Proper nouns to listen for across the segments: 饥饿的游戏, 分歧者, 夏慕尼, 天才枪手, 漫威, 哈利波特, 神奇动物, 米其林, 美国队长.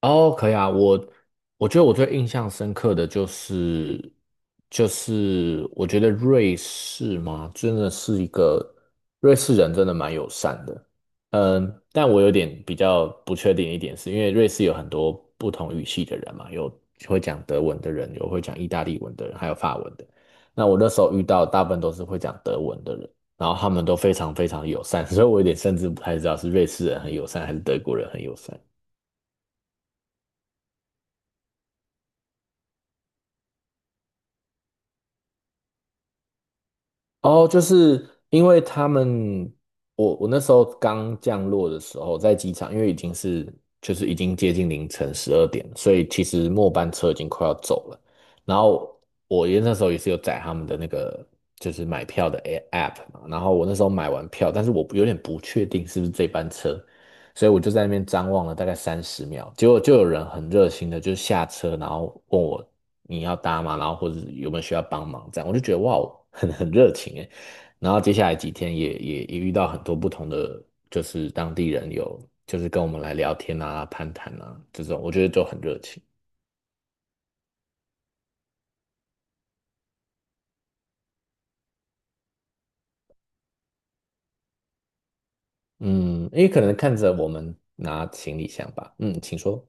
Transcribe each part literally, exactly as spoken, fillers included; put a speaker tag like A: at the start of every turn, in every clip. A: 哦，可以啊，我我觉得我最印象深刻的就是就是我觉得瑞士嘛，真的是一个瑞士人真的蛮友善的，嗯，但我有点比较不确定一点是，因为瑞士有很多不同语系的人嘛，有会讲德文的人，有会讲意大利文的人，还有法文的。那我那时候遇到大部分都是会讲德文的人，然后他们都非常非常友善，所以我有点甚至不太知道是瑞士人很友善还是德国人很友善。哦，就是因为他们，我我那时候刚降落的时候，在机场，因为已经是就是已经接近凌晨十二点了，所以其实末班车已经快要走了。然后我也那时候也是有载他们的那个就是买票的 A- app 嘛，然后我那时候买完票，但是我有点不确定是不是这班车，所以我就在那边张望了大概三十秒，结果就有人很热心的就下车，然后问我你要搭吗？然后或者有没有需要帮忙这样，我就觉得哇，很很热情诶。然后接下来几天也也也遇到很多不同的，就是当地人有就是跟我们来聊天啊、攀谈啊这种，我觉得就很热情。嗯，因为可能看着我们拿行李箱吧。嗯，请说。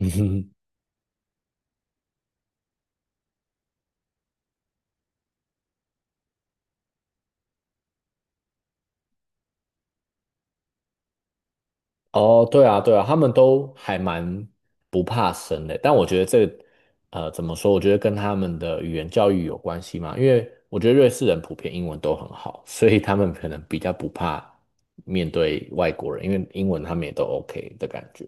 A: 哦，对啊，对啊，他们都还蛮不怕生的，但我觉得这个呃，怎么说？我觉得跟他们的语言教育有关系嘛，因为我觉得瑞士人普遍英文都很好，所以他们可能比较不怕面对外国人，因为英文他们也都 OK 的感觉。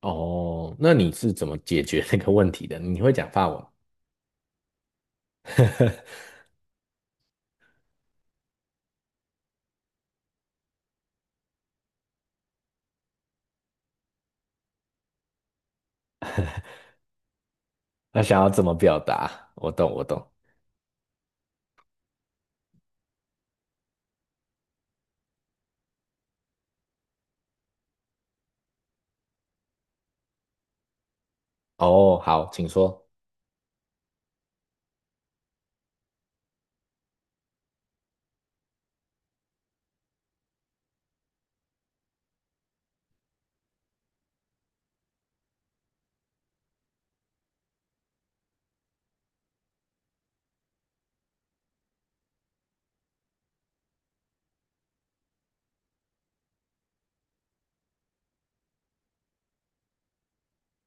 A: 哦，那你是怎么解决那个问题的？你会讲法文？那想要怎么表达？我懂，我懂。哦，好，请说。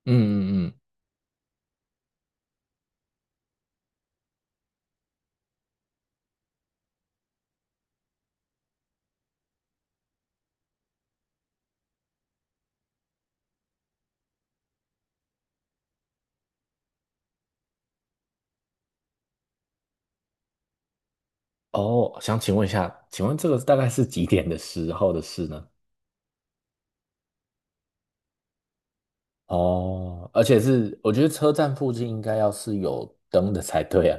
A: 嗯嗯嗯。哦，想请问一下，请问这个大概是几点的时候的事呢？哦，而且是我觉得车站附近应该要是有灯的才对啊。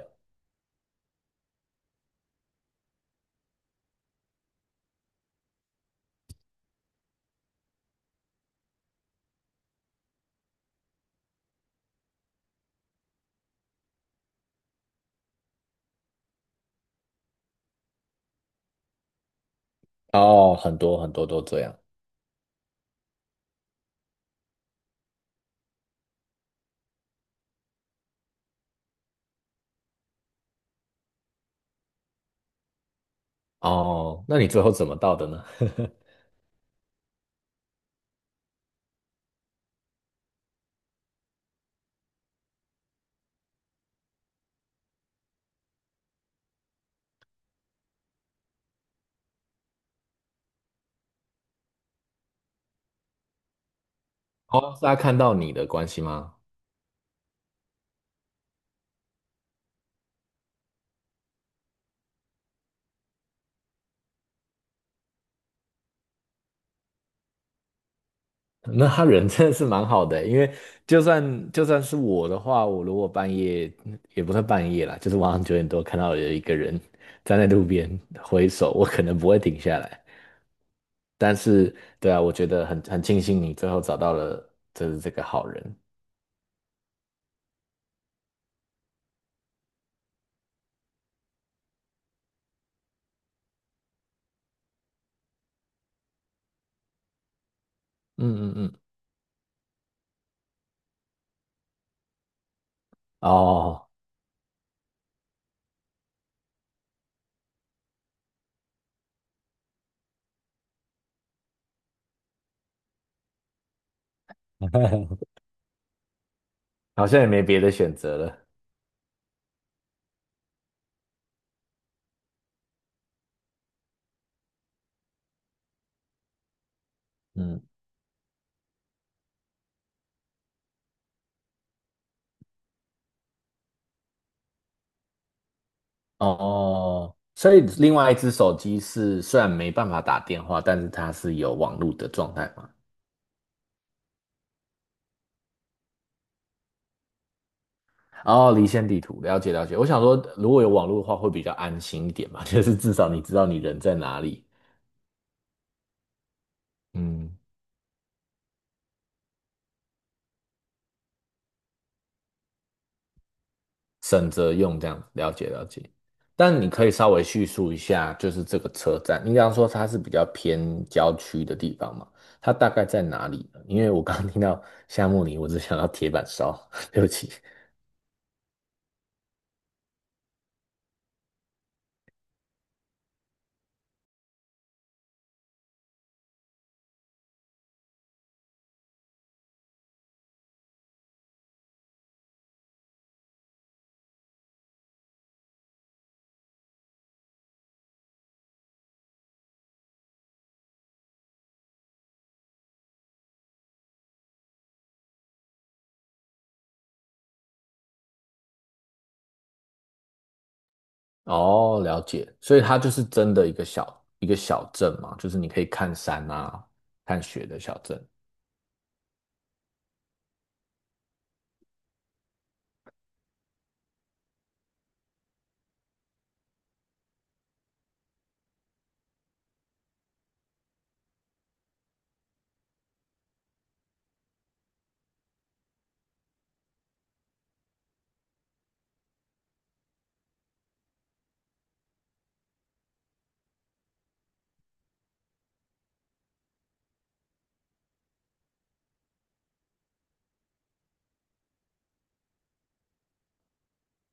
A: 哦，很多很多都这样。哦，那你最后怎么到的呢？哦，是他看到你的关系吗？那他人真的是蛮好的欸因为就算就算是我的话，我如果半夜也不算半夜啦，就是晚上九点多看到有一个人站在路边挥手，我可能不会停下来。但是，对啊，我觉得很很庆幸你最后找到了就是这个好人。嗯嗯嗯，哦，好像也没别的选择了。嗯，哦，所以另外一只手机是虽然没办法打电话，但是它是有网络的状态嘛？哦，离线地图，了解了解。我想说，如果有网络的话，会比较安心一点嘛，就是至少你知道你人在哪里。嗯。省着用这样子，了解了解。但你可以稍微叙述一下，就是这个车站，你刚刚说它是比较偏郊区的地方嘛，它大概在哪里呢？因为我刚刚听到夏慕里，我只想到铁板烧，对不起。哦，了解，所以它就是真的一个小一个小镇嘛，就是你可以看山啊、看雪的小镇。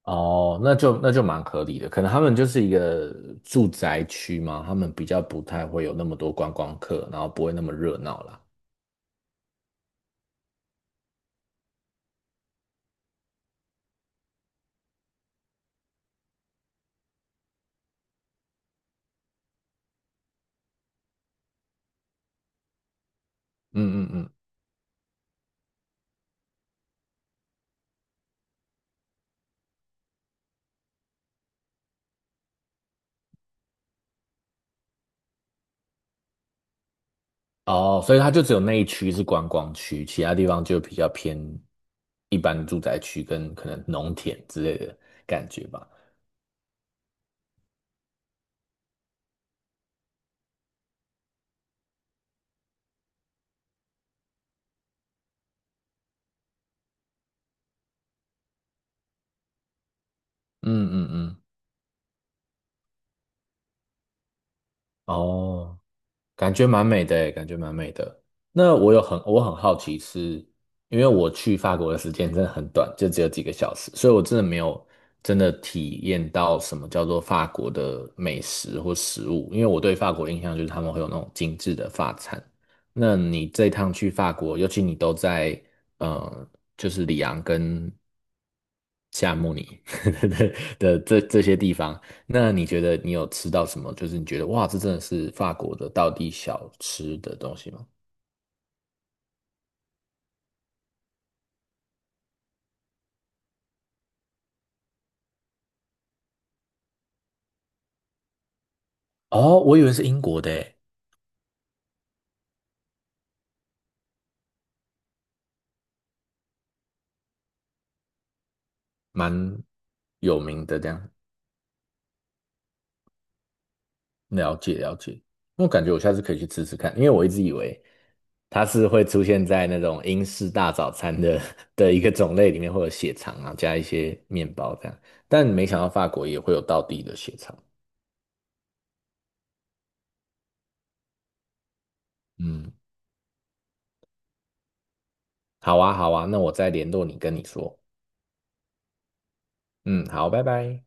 A: 哦，那就那就蛮合理的，可能他们就是一个住宅区嘛，他们比较不太会有那么多观光客，然后不会那么热闹啦。嗯嗯嗯。哦，所以它就只有那一区是观光区，其他地方就比较偏一般住宅区跟可能农田之类的感觉吧。嗯嗯嗯，哦，感觉蛮美的诶，感觉蛮美的。那我有很我很好奇是，因为我去法国的时间真的很短，就只有几个小时，所以我真的没有真的体验到什么叫做法国的美食或食物。因为我对法国印象就是他们会有那种精致的法餐。那你这趟去法国，尤其你都在呃，就是里昂跟夏慕尼 的这这些地方，那你觉得你有吃到什么？就是你觉得哇，这真的是法国的道地小吃的东西吗？哦，我以为是英国的诶。蛮有名的，这样了解了解。我感觉我下次可以去吃吃看，因为我一直以为它是会出现在那种英式大早餐的 的一个种类里面，会有血肠啊，加一些面包这样。但没想到法国也会有道地的血肠。嗯，好啊好啊，那我再联络你跟你说。嗯，好，拜拜。